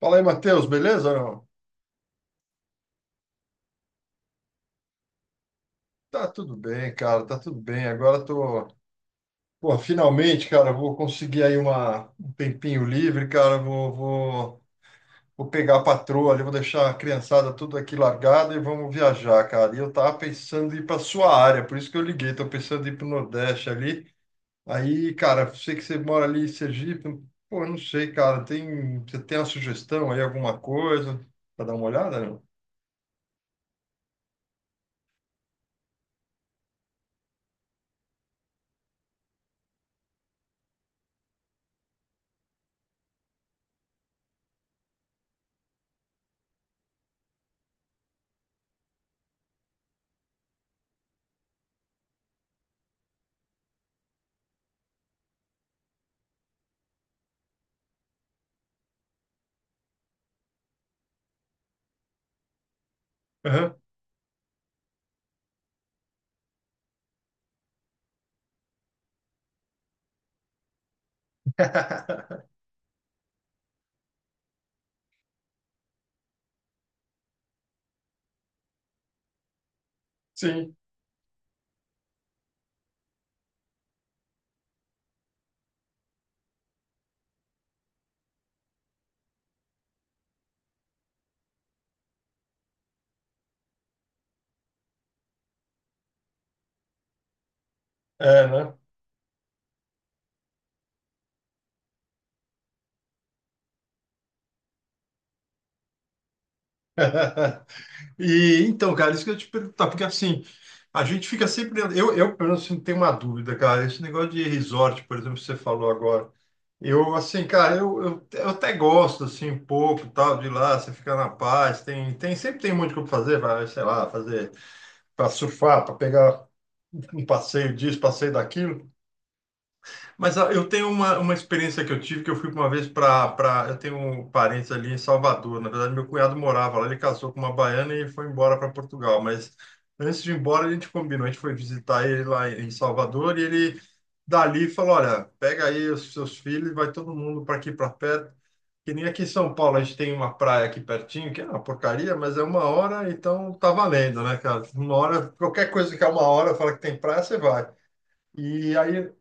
Fala aí, Matheus, beleza? Ou não? Tá tudo bem, cara, tá tudo bem. Agora tô, pô, finalmente, cara, vou conseguir aí um tempinho livre, cara, vou pegar a patroa ali, vou deixar a criançada tudo aqui largada e vamos viajar, cara. E eu tava pensando em ir pra sua área, por isso que eu liguei, tô pensando em ir pro Nordeste ali. Aí, cara, sei que você mora ali em Sergipe, pô, eu não sei, cara, você tem uma sugestão aí, alguma coisa, pra dar uma olhada, não? Aham. Sim, é, né? E então, cara, isso que eu ia te perguntar, porque assim, a gente fica sempre. Eu pelo menos, assim, tenho uma dúvida, cara. Esse negócio de resort, por exemplo, que você falou agora. Eu, assim, cara, eu até gosto, assim, um pouco, e tal, de ir lá, você fica na paz, sempre tem muito o que fazer, vai, sei lá, fazer, para surfar, para pegar um passeio disso, passeio daquilo. Mas ah, eu tenho uma experiência que eu tive, que eu fui uma vez Eu tenho parentes ali em Salvador. Na verdade, meu cunhado morava lá, ele casou com uma baiana e foi embora para Portugal. Mas antes de ir embora, a gente combinou, a gente foi visitar ele lá em Salvador e ele dali falou, olha, pega aí os seus filhos e vai todo mundo para aqui para perto. Que nem aqui em São Paulo, a gente tem uma praia aqui pertinho, que é uma porcaria, mas é uma hora, então tá valendo, né, cara? Uma hora, qualquer coisa que é uma hora, fala que tem praia, você vai. E aí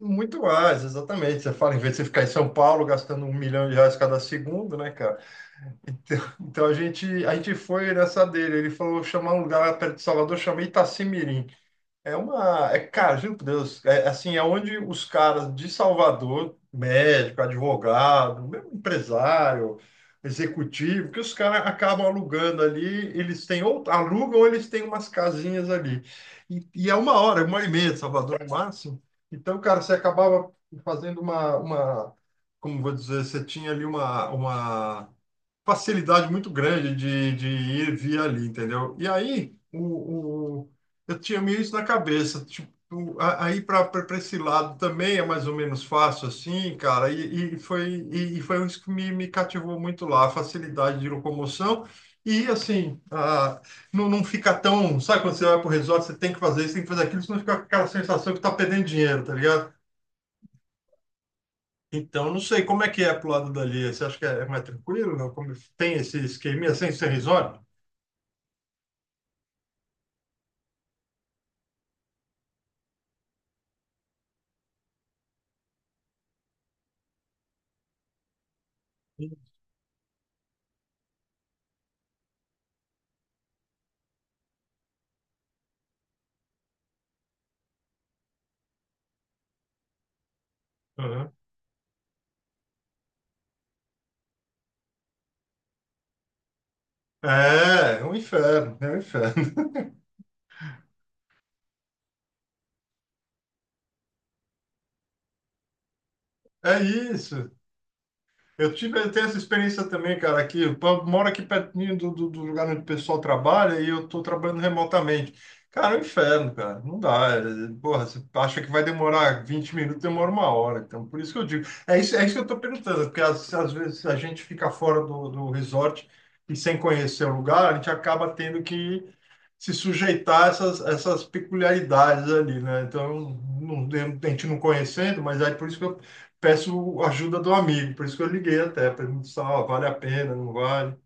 muito mais, exatamente. Você fala, em vez de você ficar em São Paulo gastando um milhão de reais cada segundo, né, cara? Então, a gente foi nessa dele. Ele falou chamar um lugar perto de Salvador, chamei Itacimirim. É uma. É, cara, juro por Deus. É, assim, é onde os caras de Salvador, médico, advogado, mesmo empresário, executivo, que os caras acabam alugando ali, eles têm, ou alugam, ou eles têm umas casinhas ali. E é uma hora e meia de Salvador no máximo. Então, cara, você acabava fazendo como vou dizer, você tinha ali uma facilidade muito grande de ir e vir ali, entendeu? E aí, eu tinha meio isso na cabeça, tipo, aí para esse lado também é mais ou menos fácil assim, cara, e foi isso que me cativou muito lá, a facilidade de locomoção. E assim, ah, não, não fica tão. Sabe quando você vai pro resort, você tem que fazer isso, tem que fazer aquilo, senão fica aquela sensação que tá perdendo dinheiro, tá ligado? Então, não sei como é que é pro lado dali. Você acha que é mais tranquilo? Não? Como tem esse esqueminha sem ser resort? Uhum. É, é um inferno, é um inferno. É isso. Eu tenho essa experiência também, cara, aqui. Moro aqui pertinho do lugar onde o pessoal trabalha e eu estou trabalhando remotamente. Cara, é um inferno, cara. Não dá. Porra, você acha que vai demorar 20 minutos, demora uma hora. Então, por isso que eu digo. É isso que eu estou perguntando, porque às vezes a gente fica fora do resort e sem conhecer o lugar, a gente acaba tendo que se sujeitar a essas peculiaridades ali, né? Então, não, a gente não conhecendo, mas aí por isso que eu peço ajuda do amigo, por isso que eu liguei até, pergunto se ó, vale a pena, não vale.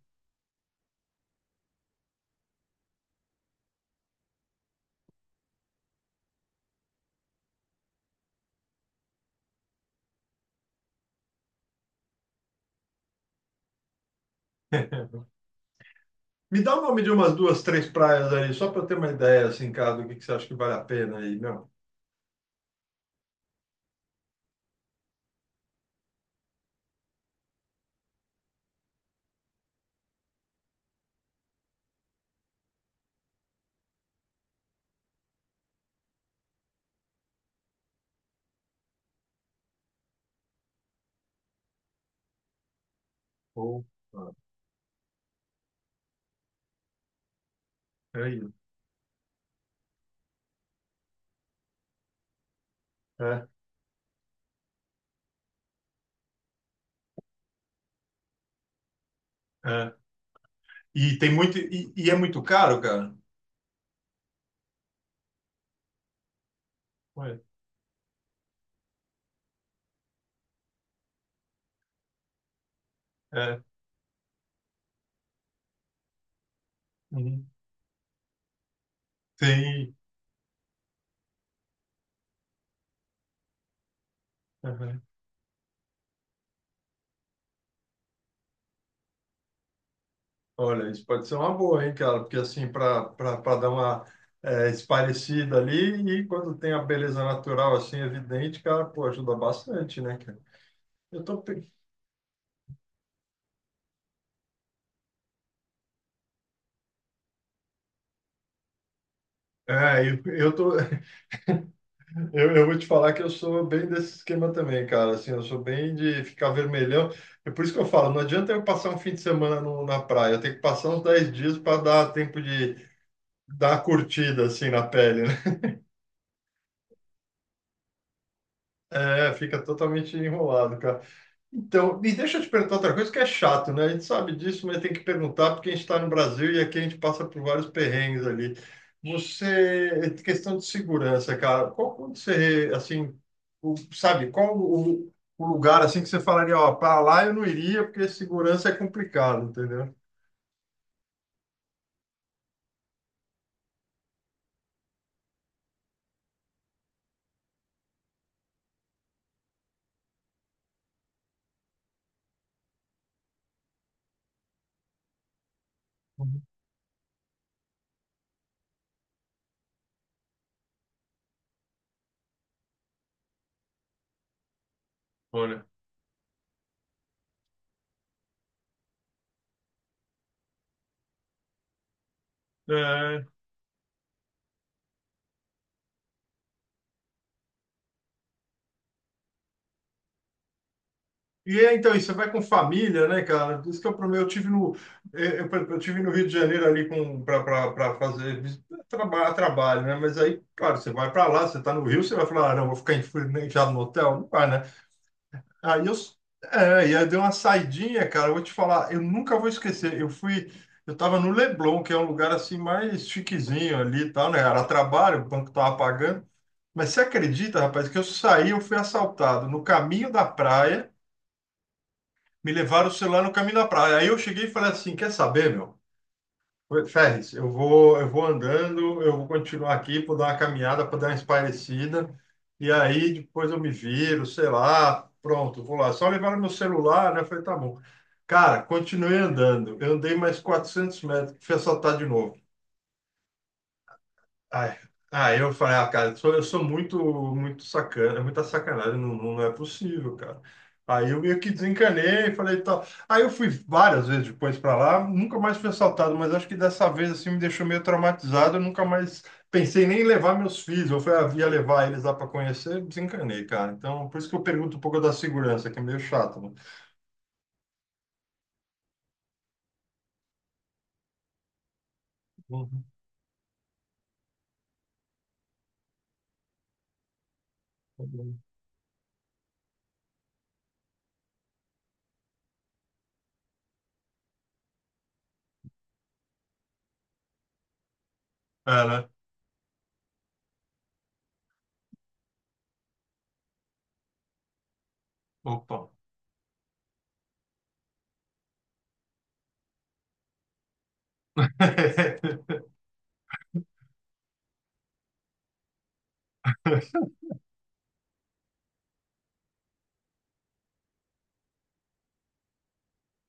Me dá o nome de umas duas, três praias aí, só para eu ter uma ideia, assim, cara, do que você acha que vale a pena aí, não? Ou, ah, é isso. É, é. E tem muito, e é muito caro, cara? Ué, é, uhum. Tem, uhum. Olha, isso pode ser uma boa, hein, cara, porque assim, para dar uma é, esparecida ali, e quando tem a beleza natural, assim, evidente, cara, pô, ajuda bastante, né, cara? Eu tô, eu tô, eu vou te falar que eu sou bem desse esquema também, cara. Assim, eu sou bem de ficar vermelhão. É por isso que eu falo, não adianta eu passar um fim de semana na praia. Eu tenho que passar uns 10 dias para dar tempo de dar a curtida assim na pele, né? É, fica totalmente enrolado, cara. Então, e deixa eu te perguntar outra coisa que é chato, né? A gente sabe disso, mas tem que perguntar porque a gente está no Brasil e aqui a gente passa por vários perrengues ali. Você, questão de segurança, cara, qual quando você, assim, sabe, qual o lugar, assim, que você falaria, ó, para lá eu não iria porque segurança é complicado, entendeu? Uhum. Olha, é, então, e você vai com família, né, cara? Por isso que eu, pro- eu tive no, eh, eu, tive no Rio de Janeiro ali com para fazer trabalho, né? Mas aí, claro, você vai para lá, você tá no Rio, você vai falar, ah, não, vou ficar enfurnizado no hotel, não vai, né? Aí eu, s- é, E aí deu uma saidinha, cara, eu vou te falar, eu nunca vou esquecer. Eu tava no Leblon, que é um lugar assim mais chiquezinho ali e tal, né? Era trabalho, o banco tava pagando. Mas você acredita, rapaz, que eu saí, eu fui assaltado no caminho da praia, me levaram o celular no caminho da praia. Aí eu cheguei e falei assim, quer saber, meu? Ferris, eu vou andando, eu vou continuar aqui, vou dar uma caminhada para dar uma espairecida, e aí depois eu me viro, sei lá, pronto, vou lá. Só levaram meu celular, né? Eu falei, tá bom. Cara, continuei andando. Eu andei mais 400 metros, fui assaltado de novo. Ai, ah, eu falei, ah, cara, eu sou muito, muito sacana, é muita sacanagem, não, não não é possível, cara. Aí eu meio que desencanei, falei, tal. Aí eu fui várias vezes depois pra lá, nunca mais fui assaltado, mas acho que dessa vez, assim, me deixou meio traumatizado, eu nunca mais pensei nem em levar meus filhos, eu fui, ah, ia levar eles lá pra conhecer, desencanei, cara. Então, por isso que eu pergunto um pouco da segurança, que é meio chato, né? Uhum, tá bom. É, né? Opa.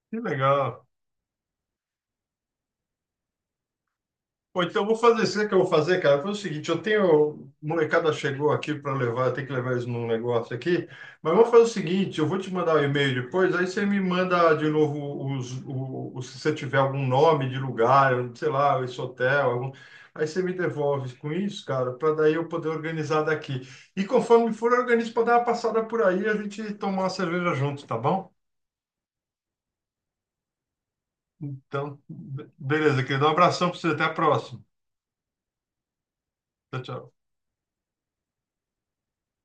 Que legal. Pô, então eu vou fazer, sabe o que eu vou fazer, cara? Foi o seguinte, eu tenho, molecada chegou aqui para levar, eu tenho que levar eles num negócio aqui, mas eu vou fazer o seguinte, eu vou te mandar o e-mail depois, aí você me manda de novo se você tiver algum nome de lugar, sei lá, esse hotel, aí você me devolve com isso, cara, para daí eu poder organizar daqui. E conforme for, eu organizo para dar uma passada por aí e a gente tomar uma cerveja junto, tá bom? Então, beleza, querido, um abração para você, até a próxima. Tchau, tchau.